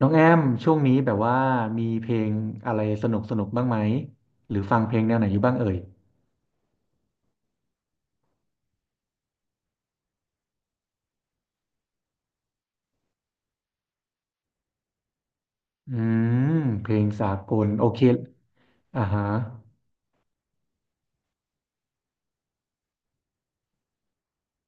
น้องแอมช่วงนี้แบบว่ามีเพลงอะไรสนุกสนุกบ้างไหมหรือฟังเพลงแนวไหนอยู่บ้างเอ่ยอืมเพลงสากลโอเคอ่าฮะ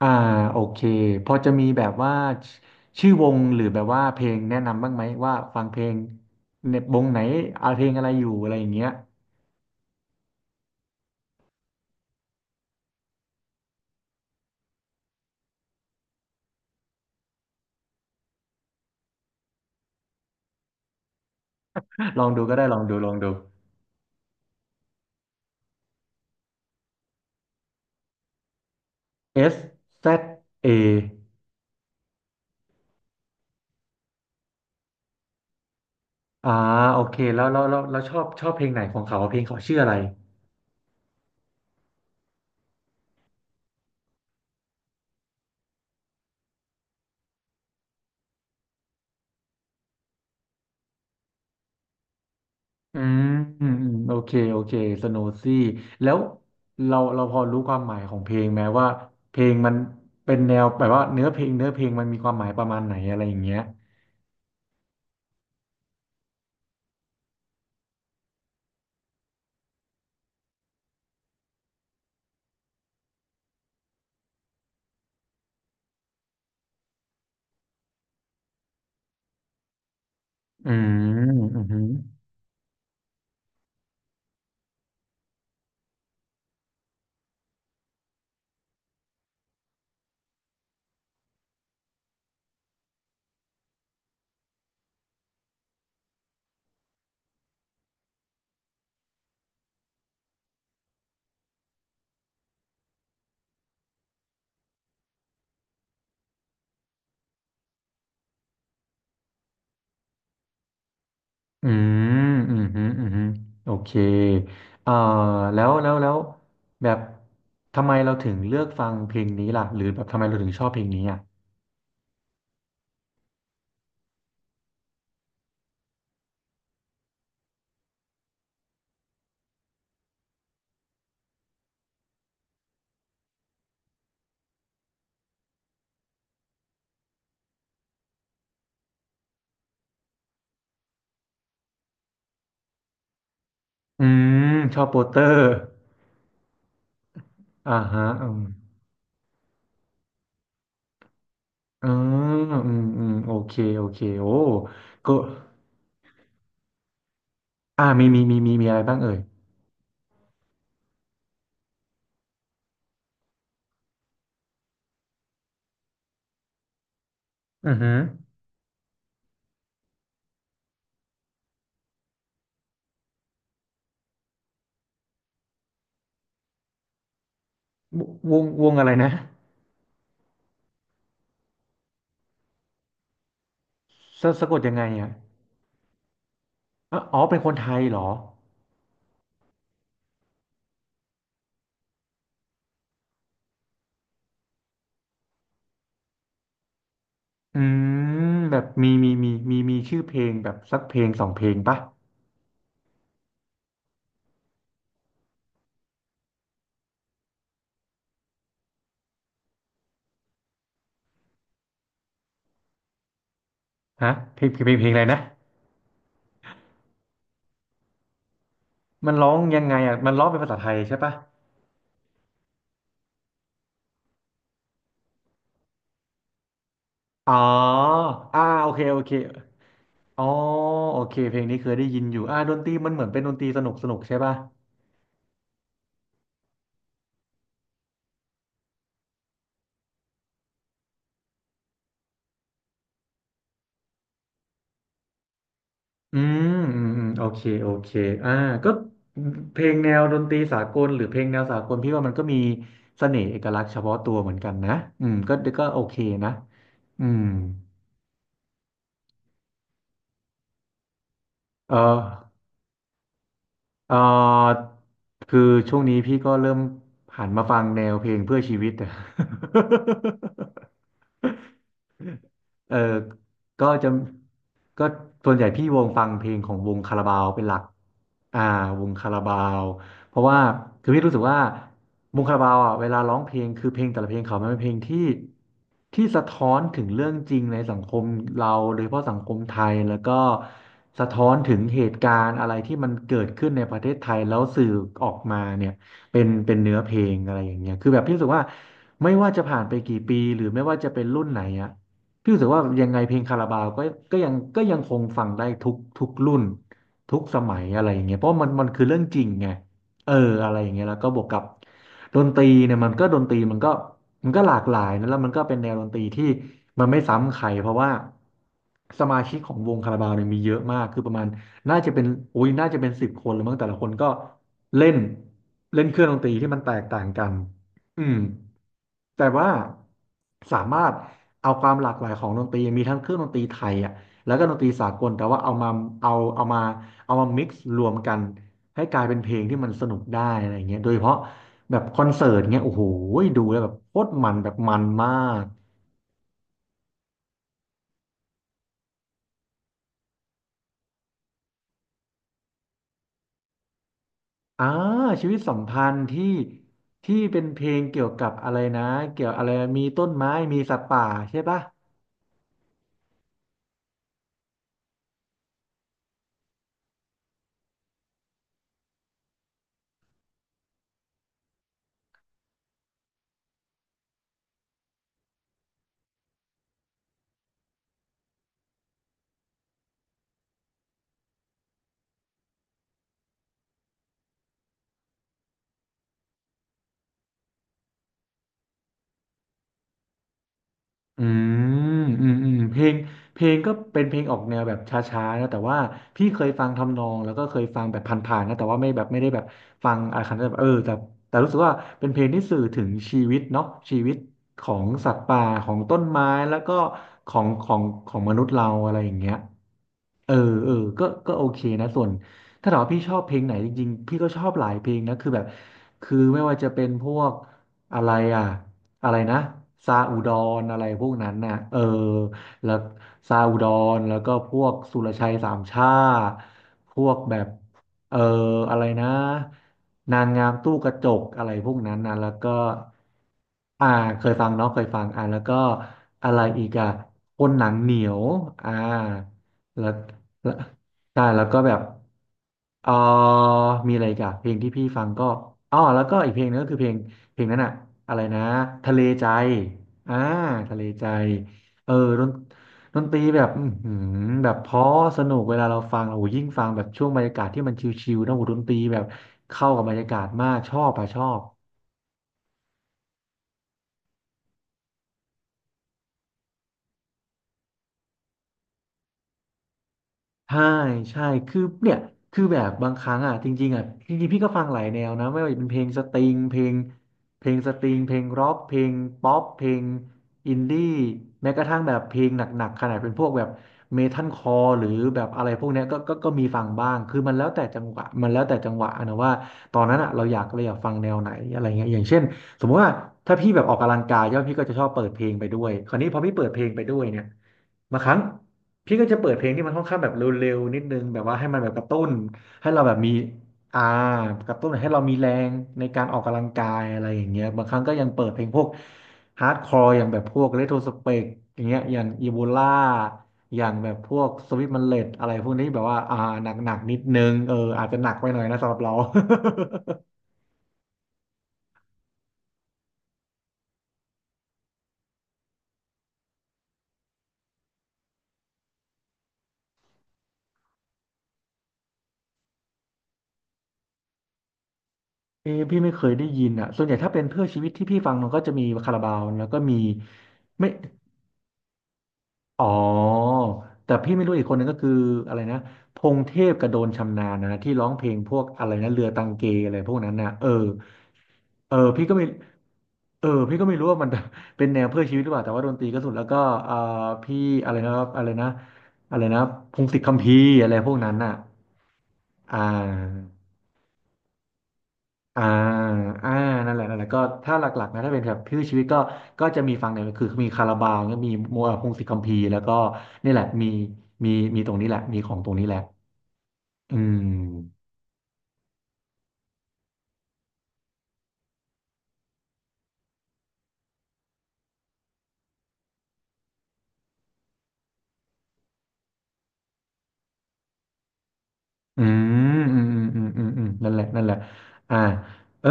อ่าโอเคพอจะมีแบบว่าชชื่อวงหรือแบบว่าเพลงแนะนำบ้างไหมว่าฟังเพลงในวงไหนเอาเพลงอะไรอยู่อะไรอย่างเงี้ย ลองดูก็ได้ลองดูลองดู SZA ออ่าโอเคแล้วชอบเพลงไหนของเขาเพลงเขาชื่ออะไร อืมโอเคโอเคสโนซี่แล้วเราพอรู้ความหมายของเพลงไหมว่าเพลงมันเป็นแนวแบบว่าเนื้อเพลงมันมีความหมายประมาณไหนอะไรอย่างเงี้ยอืมอืมอืมอืมอืมอืมอืมโอเคเอ่อแล้วแบบทำไมเราถึงเลือกฟังเพลงนี้ล่ะหรือแบบทำไมเราถึงชอบเพลงนี้อ่ะอืมชอบโปสเตอร์อ่าฮะอืมโอเคโอเคโอ้ก็ อ่ามีอะไรบ้างเอ่ยอือหือวงวงอะไรนะสะกดยังไงอ่ะอ๋ออ๋อเป็นคนไทยเหรออืมแบบมีชื่อเพลงแบบสักเพลงสองเพลงปะฮะเพลงอะไรนะมันร้องยังไงอ่ะมันร้องเป็นภาษาไทยใช่ปะอ๋ออ่าโอเคโอเคอ๋อโอเคเพลงนี้เคยได้ยินอยู่อ่าดนตรีมันเหมือนเป็นดนตรีสนุกสนุกใช่ปะ อืมโอเคโอเคอ่าก็เพลงแนวดนตรีสากลหรือเพลงแนวสากลพี่ว่ามันก็มีเสน่ห์เอกลักษณ์เฉพาะตัวเหมือนกันนะอืมก็โอเคนะอืมเออเออคือช่วงนี้พี่ก็เริ่มหันมาฟังแนวเพลงเพื่อชีวิตอะ เออก็จะก็ส่วนใหญ่พี่วงฟังเพลงของวงคาราบาวเป็นหลักอ่าวงคาราบาวเพราะว่าคือพี่รู้สึกว่า วงคาราบาวอ่ะเวลาร้องเพลงคือเพลงแต่ละเพลงเขามันเป็นเพลงที่ที่สะท้อนถึงเรื่องจริงในสังคมเราโดยเฉพาะสังคมไทยแล้วก็สะท้อนถึงเหตุการณ์อะไรที่มันเกิดขึ้นในประเทศไทยแล้วสื่อออกมาเนี่ยเป็นเนื้อเพลงอะไรอย่างเงี้ยคือแบบพี่รู้สึกว่าไม่ว่าจะผ่านไปกี่ปีหรือไม่ว่าจะเป็นรุ่นไหนอ่ะ พี่รู้สึกว่ายังไงเพลงคาราบาวก็ก็ยังคงฟังได้ทุกรุ่นทุกสมัยอะไรอย่างเงี้ยเพราะมันคือเรื่องจริงไงเอออะไรอย่างเงี้ยแล้วก็บวกกับดนตรีเนี่ยมันก็ดนตรีมันก็มันก็หลากหลายนะแล้วมันก็เป็นแนวดนตรีที่มันไม่ซ้ำใครเพราะว่าสมาชิกของวงคาราบาวเนี่ยมีเยอะมากคือประมาณน่าจะเป็นโอ้ยน่าจะเป็นสิบคนหรือมั้งแต่ละคนก็เล่นเล่นเครื่องดนตรีที่มันแตกต่างกันอืม แต่ว่าสามารถเอาความหลากหลายของดนตรีมีทั้งเครื่องดนตรีไทยอ่ะแล้วก็ดนตรีสากลแต่ว่าเอามาเอาเอามาเอามา m ิกรวมกันให้กลายเป็นเพลงที่มันสนุกได้อะไรเงี้ยโดยเฉพาะแบบคอนเสิร์ตเงี้ยโอ้โหดูแล้วแบบโคตรมันแบบมันมากอ่าชีวิตสัมพันธ์ที่ที่เป็นเพลงเกี่ยวกับอะไรนะเกี่ยวอะไรมีต้นไม้มีสัตว์ป่าใช่ปะ อืมอืมอืมเพลงเพลงก็เป็นเพลงออกแนวแบบช้าๆนะแต่ว่าพี่เคยฟังทำนองแล้วก็เคยฟังแบบผ่านๆนะแต่ว่าไม่แบบไม่ได้แบบฟังอะไรขนาดนั้นแบบเออแต่แต่รู้สึกว่าเป็นเพลงที่สื่อถึงชีวิตเนาะชีวิตของสัตว์ป่าของต้นไม้แล้วก็ของมนุษย์เราอะไรอย่างเงี้ยเออเออก็โอเคนะส่วนถ้าถามว่าพี่ชอบเพลงไหนจริงๆพี่ก็ชอบหลายเพลงนะคือแบบคือไม่ว่าจะเป็นพวก อะไรอ่ะอะไรนะซาอุดรอะไรพวกนั้นน่ะเออแล้วซาอุดรแล้วก็พวกสุรชัยสามชาติพวกแบบเอออะไรนะนางงามตู้กระจกอะไรพวกนั้นนะแล้วก็อ่าเคยฟังเนาะเคยฟังอ่าแล้วก็อะไรอีกอ่ะคนหนังเหนียวอ่าแล้วแล้วใช่แล้วก็แบบเออมีอะไรอีกอ่ะเพลงที่พี่ฟังก็อ๋อแล้วก็อีกเพลงนึงก็คือเพลง เพลงนั้นอะอะไรนะทะเลใจอ่าทะเลใจเออดนดนตรีแบบอือหือแบบเพราะสนุกเวลาเราฟังโอ้โหยิ่งฟังแบบช่วงบรรยากาศที่มันชิลๆนะโอ้โหดนตรีแบบเข้ากับบรรยากาศมากชอบอะชอบ ใช่ใช่คือเนี่ยคือแบบบางครั้งอ่ะจริงๆอ่ะจริงๆพี่ก็ฟังหลายแนวนะไม่ว่าจะเป็นเพลงสตริงเพลงเพลงสตริงเพลงร็อกเพลงป๊อปเพลงอินดี้แม้กระทั่งแบบเพลงหนักๆขนาดเป็นพวกแบบเมทัลคอร์หรือแบบอะไรพวกเนี้ยก็มีฟังบ้างคือมันแล้วแต่จังหวะมันแล้วแต่จังหวะอะนะว่าตอนนั้นอ่ะเราอยากฟังแนวไหนอะไรเงี้ยอย่างเช่นสมมติว่าถ้าพี่แบบออกกำลังกายใช่ไหมพี่ก็จะชอบเปิดเพลงไปด้วยคราวนี้พอพี่เปิดเพลงไปด้วยเนี่ยบางครั้ง พี่ก็จะเปิดเพลงที่มันค่อนข้างแบบเร็วๆนิดนึงแบบว่าให้มันแบบกระตุ้นให้เราแบบมีอ่ากระตุ้นให้เรามีแรงในการออกกำลังกายอะไรอย่างเงี้ยบางครั้งก็ยังเปิดเพลงพวกฮาร์ดคอร์อย่างแบบพวกเรโทรสเปกอย่างเงี้ยอย่างอีโบล่าอย่างแบบพวกสวิ t มันเลดอะไรพวกนี้แบบว่าหนักๆนิดนึงเอออาจจะหนักไปหน่อยนะสำหรับเรา เออพี่ไม่เคยได้ยินอ่ะส่วนใหญ่ถ้าเป็นเพื่อชีวิตที่พี่ฟังมันก็จะมีคาราบาวแล้วก็มีไม่ อ๋อแต่พี่ไม่รู้อีกคนนึงก็คืออะไรนะพงเทพกับโดนชำนาญนะที่ร้องเพลงพวกอะไรนะเรือตังเกอะไรพวกนั้นนะเออเออพี่ก็ไม่เออพี่ก็ไม่รู้ว่ามัน เป็นแนวเพื่อชีวิตหรือเปล่าแต่ว่าดนตรีก็สุดแล้วก็เอ่าพี่อะไรนะอะไรนะอะไรนะพงศิษฐ์คัมภีร์อะไรพวกนั้นน่ะอ่า อ่าอ่านั่นแหละก็ถ้าหลักๆนะถ้าเป็นแบบชื่อชีวิตก็ก็จะมีฟังเนี่ยคือมีคาราบาวเนี่ยมีมัวพงศิษย์คัมภีร์แล้วก็นี่แหละมีมีตรงนี้แหละมีของตรงนี้แหละอืมอืมอืมอืมอืมอืมนั่นแหละอ่าเออ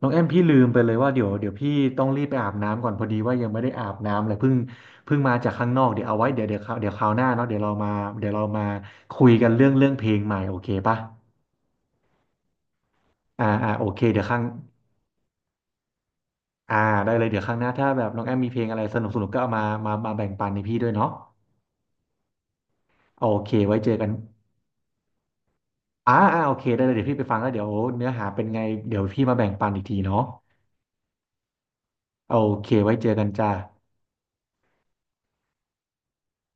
น้องแอมพี่ลืมไปเลยว่าเดี๋ยวพี่ต้องรีบไปอาบน้ำก่อนพอดีว่ายังไม่ได้อาบน้ำเลยเพิ่งมาจากข้างนอกเดี๋ยวเอาไว้เดี๋ยวคราวหน้าเนาะเดี๋ยวเรามาเดี๋ยวเรามาคุยกันเรื่องเรื่องเพลงใหม่โอเคปะอ่าโอเคเดี๋ยวข้าง อ่าได้เลยเดี๋ยวครั้งหน้าถ้าแบบน้องแอมมีเพลงอะไรสนุกสนุกก็เอามาแบ่งปันในพี่ด้วยเนาะโอเคไว้เจอกันอ่าโอเคได้เลยเดี๋ยวพี่ไปฟังแล้วเดี๋ยวเนื้อหาเป็นไงเดี๋ยวพี่มาแบ่งปันอีกทีเนาะโอเคไว้เจอกันจ้า